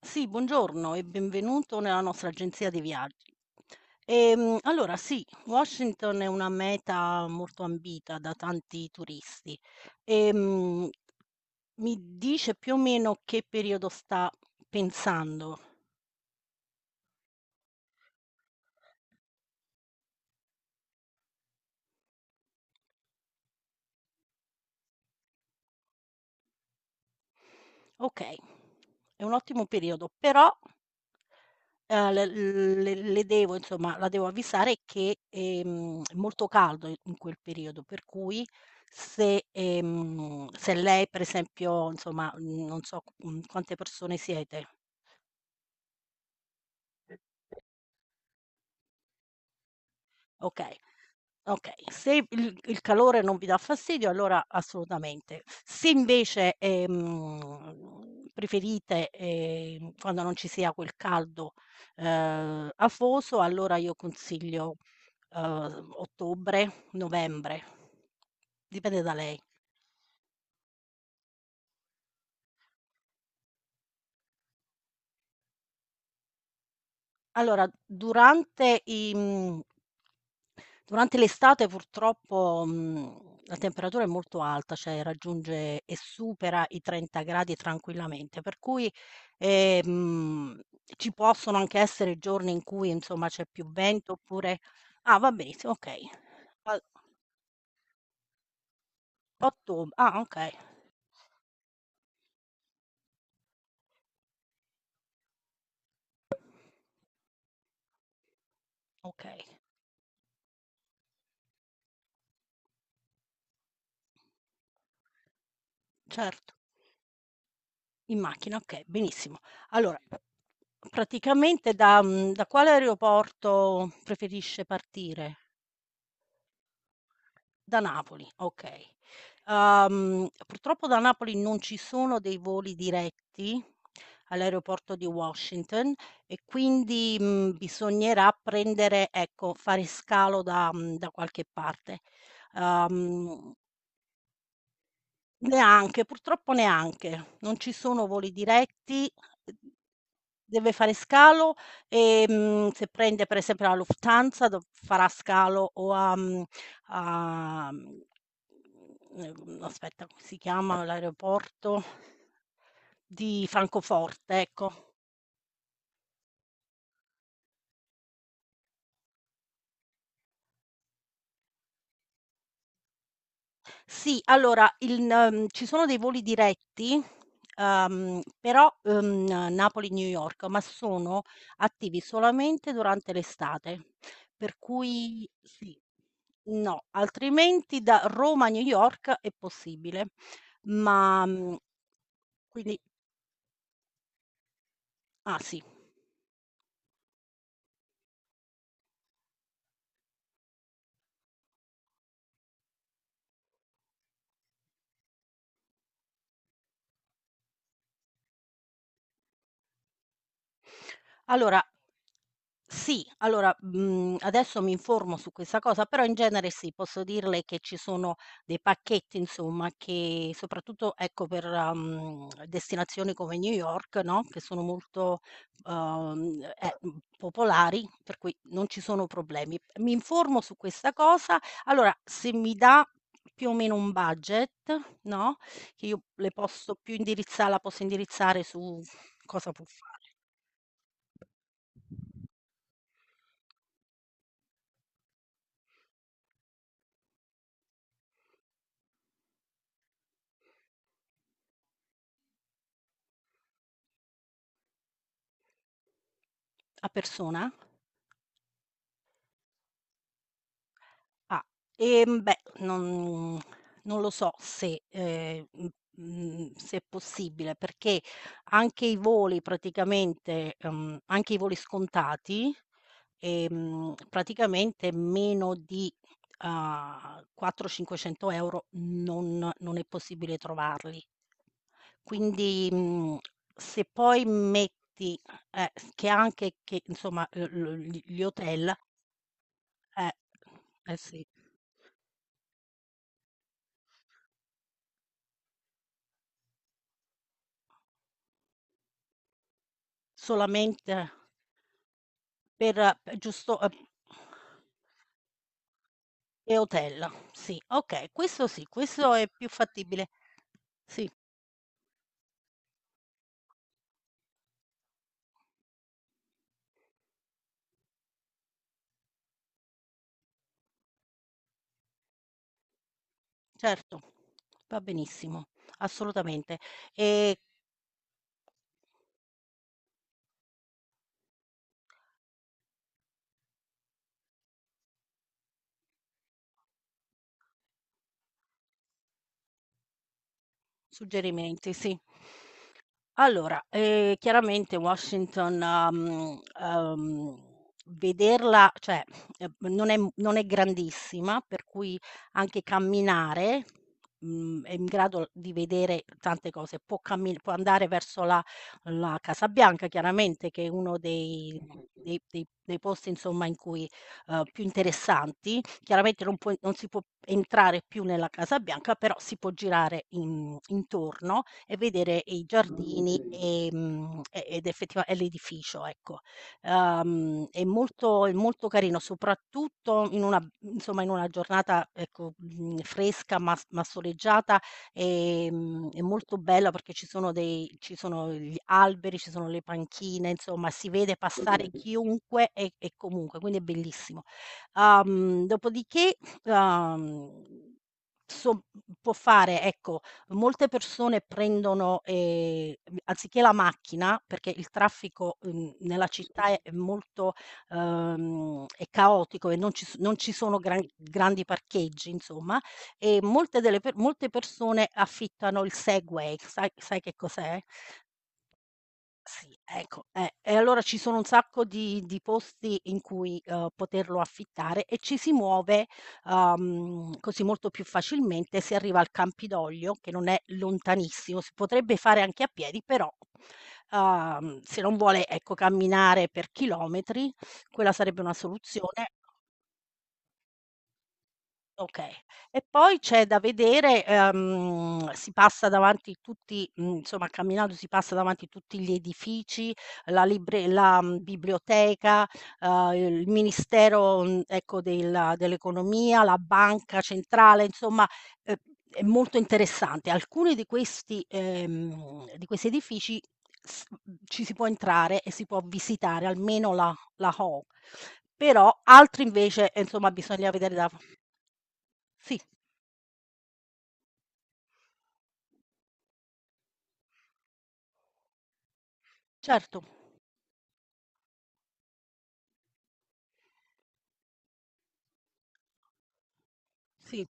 Sì, buongiorno e benvenuto nella nostra agenzia di viaggi. Allora sì, Washington è una meta molto ambita da tanti turisti. Ehm, Mi dice più o meno che periodo sta pensando. Okay, è un ottimo periodo, però Ehm, le le devo insomma, la devo avvisare che, è molto caldo in quel periodo, per cui se, se lei per esempio, insomma, non so, quante persone siete, okay. Okay, se il calore non vi dà fastidio allora assolutamente. Se invece, preferite, quando non ci sia quel caldo, afoso, allora io consiglio, ottobre, novembre. Dipende da lei. Allora, durante l'estate purtroppo, la temperatura è molto alta, cioè raggiunge e supera i 30 C tranquillamente, per cui, ehm, ci possono anche essere giorni in cui insomma c'è più vento oppure ah va benissimo, okay. Al ottob ah okay, okay, certo. In macchina, okay, benissimo. Allora, praticamente da quale aeroporto preferisce partire? Da Napoli, okay. Purtroppo da Napoli non ci sono dei voli diretti all'aeroporto di Washington e quindi, bisognerà prendere ecco, fare scalo da qualche parte. Uhm Neanche, purtroppo neanche. Non ci sono voli diretti, uhm, deve fare scalo, se prende per esempio la Lufthansa dov farà scalo o a mhmm, aspetta, come si chiama l'aeroporto di Francoforte, ecco. Sì, allora il n ci sono dei voli diretti, però, Napoli-New York, ma sono attivi solamente durante l'estate. Per cui sì. No, altrimenti da Roma a New York è possibile. Ma, mhmm quindi ah, sì. Allora sì, allora, adesso mi informo su questa cosa, però in genere sì, posso dirle che ci sono dei pacchetti insomma che soprattutto ecco per, destinazioni come New York, no, che sono molto, popolari, per cui non ci sono problemi. Mi informo su questa cosa, allora se mi dà più o meno un budget, no, che io le posso più indirizza la posso indirizzare su Cosa può fare? A persona? Ah, beh, non lo so se, se è possibile, perché anche i voli praticamente, anche i voli scontati praticamente meno di, 4, 500 € non è possibile trovarli. Quindi, se poi metti s che anche che insomma, l l gli gli hotel eh, sì, solamente per p giusto e hotel, sì, okay, questo sì, questo è più fattibile. Sì. Certo, va benissimo, assolutamente. Ehm, Suggerimenti, sì. Allora, chiaramente Washington, mhmm, uhm, vederla cioè, non è grandissima, per cui anche camminare, è in grado di vedere tante cose. Può andare verso la Casa Bianca chiaramente, che è uno dei Mh-mh. dei posti insomma in cui più interessanti. Chiaramente non si può entrare più nella Casa Bianca, però si può girare in intorno e vedere i giardini, e ed effettiva e l'edificio, ecco. È molto carino, soprattutto in una insomma, in una giornata, ecco, fresca ma soleggiata, è molto bella perché ci sono gli alberi, ci sono le panchine, insomma si vede passare chiunque e comunque, quindi è bellissimo. Dopodiché, uhm, so può fare, ecco, molte persone prendono, anziché la macchina, perché il traffico, nella città è molto è caotico e non ci sono grandi parcheggi insomma, e molte persone affittano il Segway. Sai che cos'è? Sì, ecco, e allora ci sono un sacco di posti in cui, poterlo affittare e ci si muove, così molto più facilmente. Si arriva al Campidoglio, che non è lontanissimo, si potrebbe fare anche a piedi, però, se non vuole, ecco, camminare per chilometri, quella sarebbe una soluzione. Okay. E poi c'è da vedere, si passa davanti tutti insomma camminando si passa davanti tutti gli edifici, la libre la, mhmm, biblioteca, il ministero, ecco della dell'economia, la banca centrale, insomma, ehm, è molto interessante. Alcuni di questi edifici ci si può entrare e si può visitare, almeno la Hall. Però altri invece, insomma bisogna vedere da f sì, certo, sì.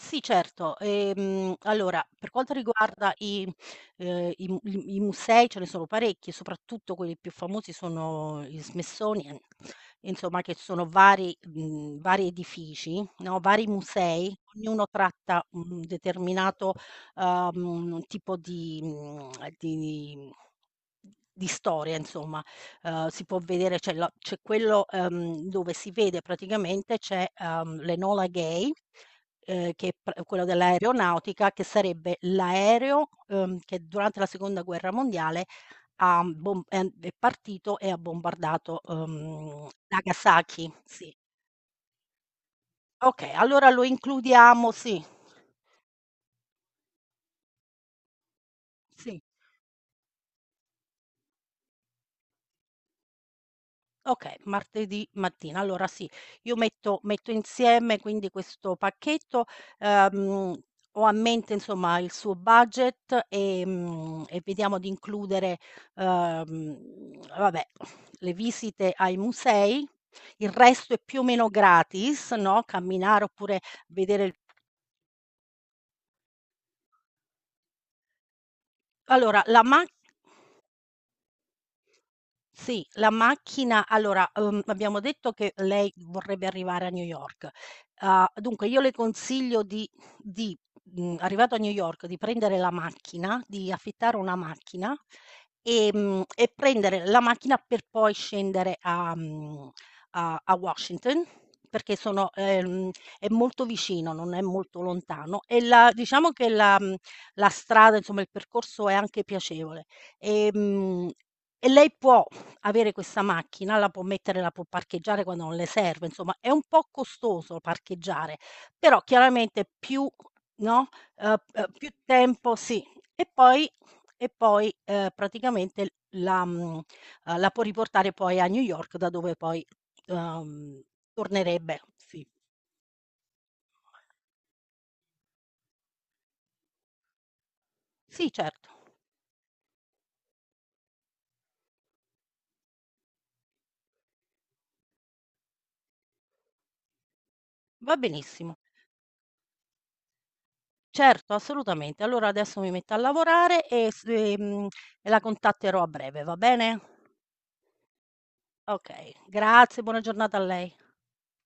Sì, certo. Allora, per quanto riguarda i i mu i i musei ce ne sono parecchi, soprattutto quelli più famosi sono il Smithsonian, insomma che sono vari vari edifici, no, vari musei, ognuno tratta un determinato, tipo di mhmm, di di storia insomma. Si può vedere c'è quello, dove si vede praticamente c'è, l'Enola Gay che è pr quello dell'aeronautica, che sarebbe l'aereo, che durante la seconda guerra mondiale ha bom è an è partito e ha bombardato, Nagasaki, sì. Okay, allora lo includiamo sì, sì. Okay, martedì mattina. Allora sì, io metto insieme quindi questo pacchetto, ehm, ho a mente insomma il suo budget, e vediamo di includere, vabbè, le visite ai musei, il resto è più o meno gratis, no, camminare oppure vedere il allora la mac Sì, la macchina allora, abbiamo detto che lei vorrebbe arrivare a New York. Dunque io le consiglio di arrivato a New York, di prendere la macchina, di affittare una macchina, e prendere la macchina per poi scendere a mhmm, a a Washington, perché sono è molto vicino, non è molto lontano e la diciamo che la strada, insomma, il percorso è anche piacevole. Ehm, e lei può avere questa macchina, la può parcheggiare quando non le serve, insomma è un po' costoso parcheggiare, però chiaramente più no, più tempo sì. E poi praticamente la mhmm, la può riportare poi a New York da dove poi, uhm, tornerebbe. Sì. Sì, certo, va benissimo. Certo, assolutamente. Allora adesso mi metto a lavorare e la contatterò a breve, va bene? Okay, grazie, buona giornata a lei.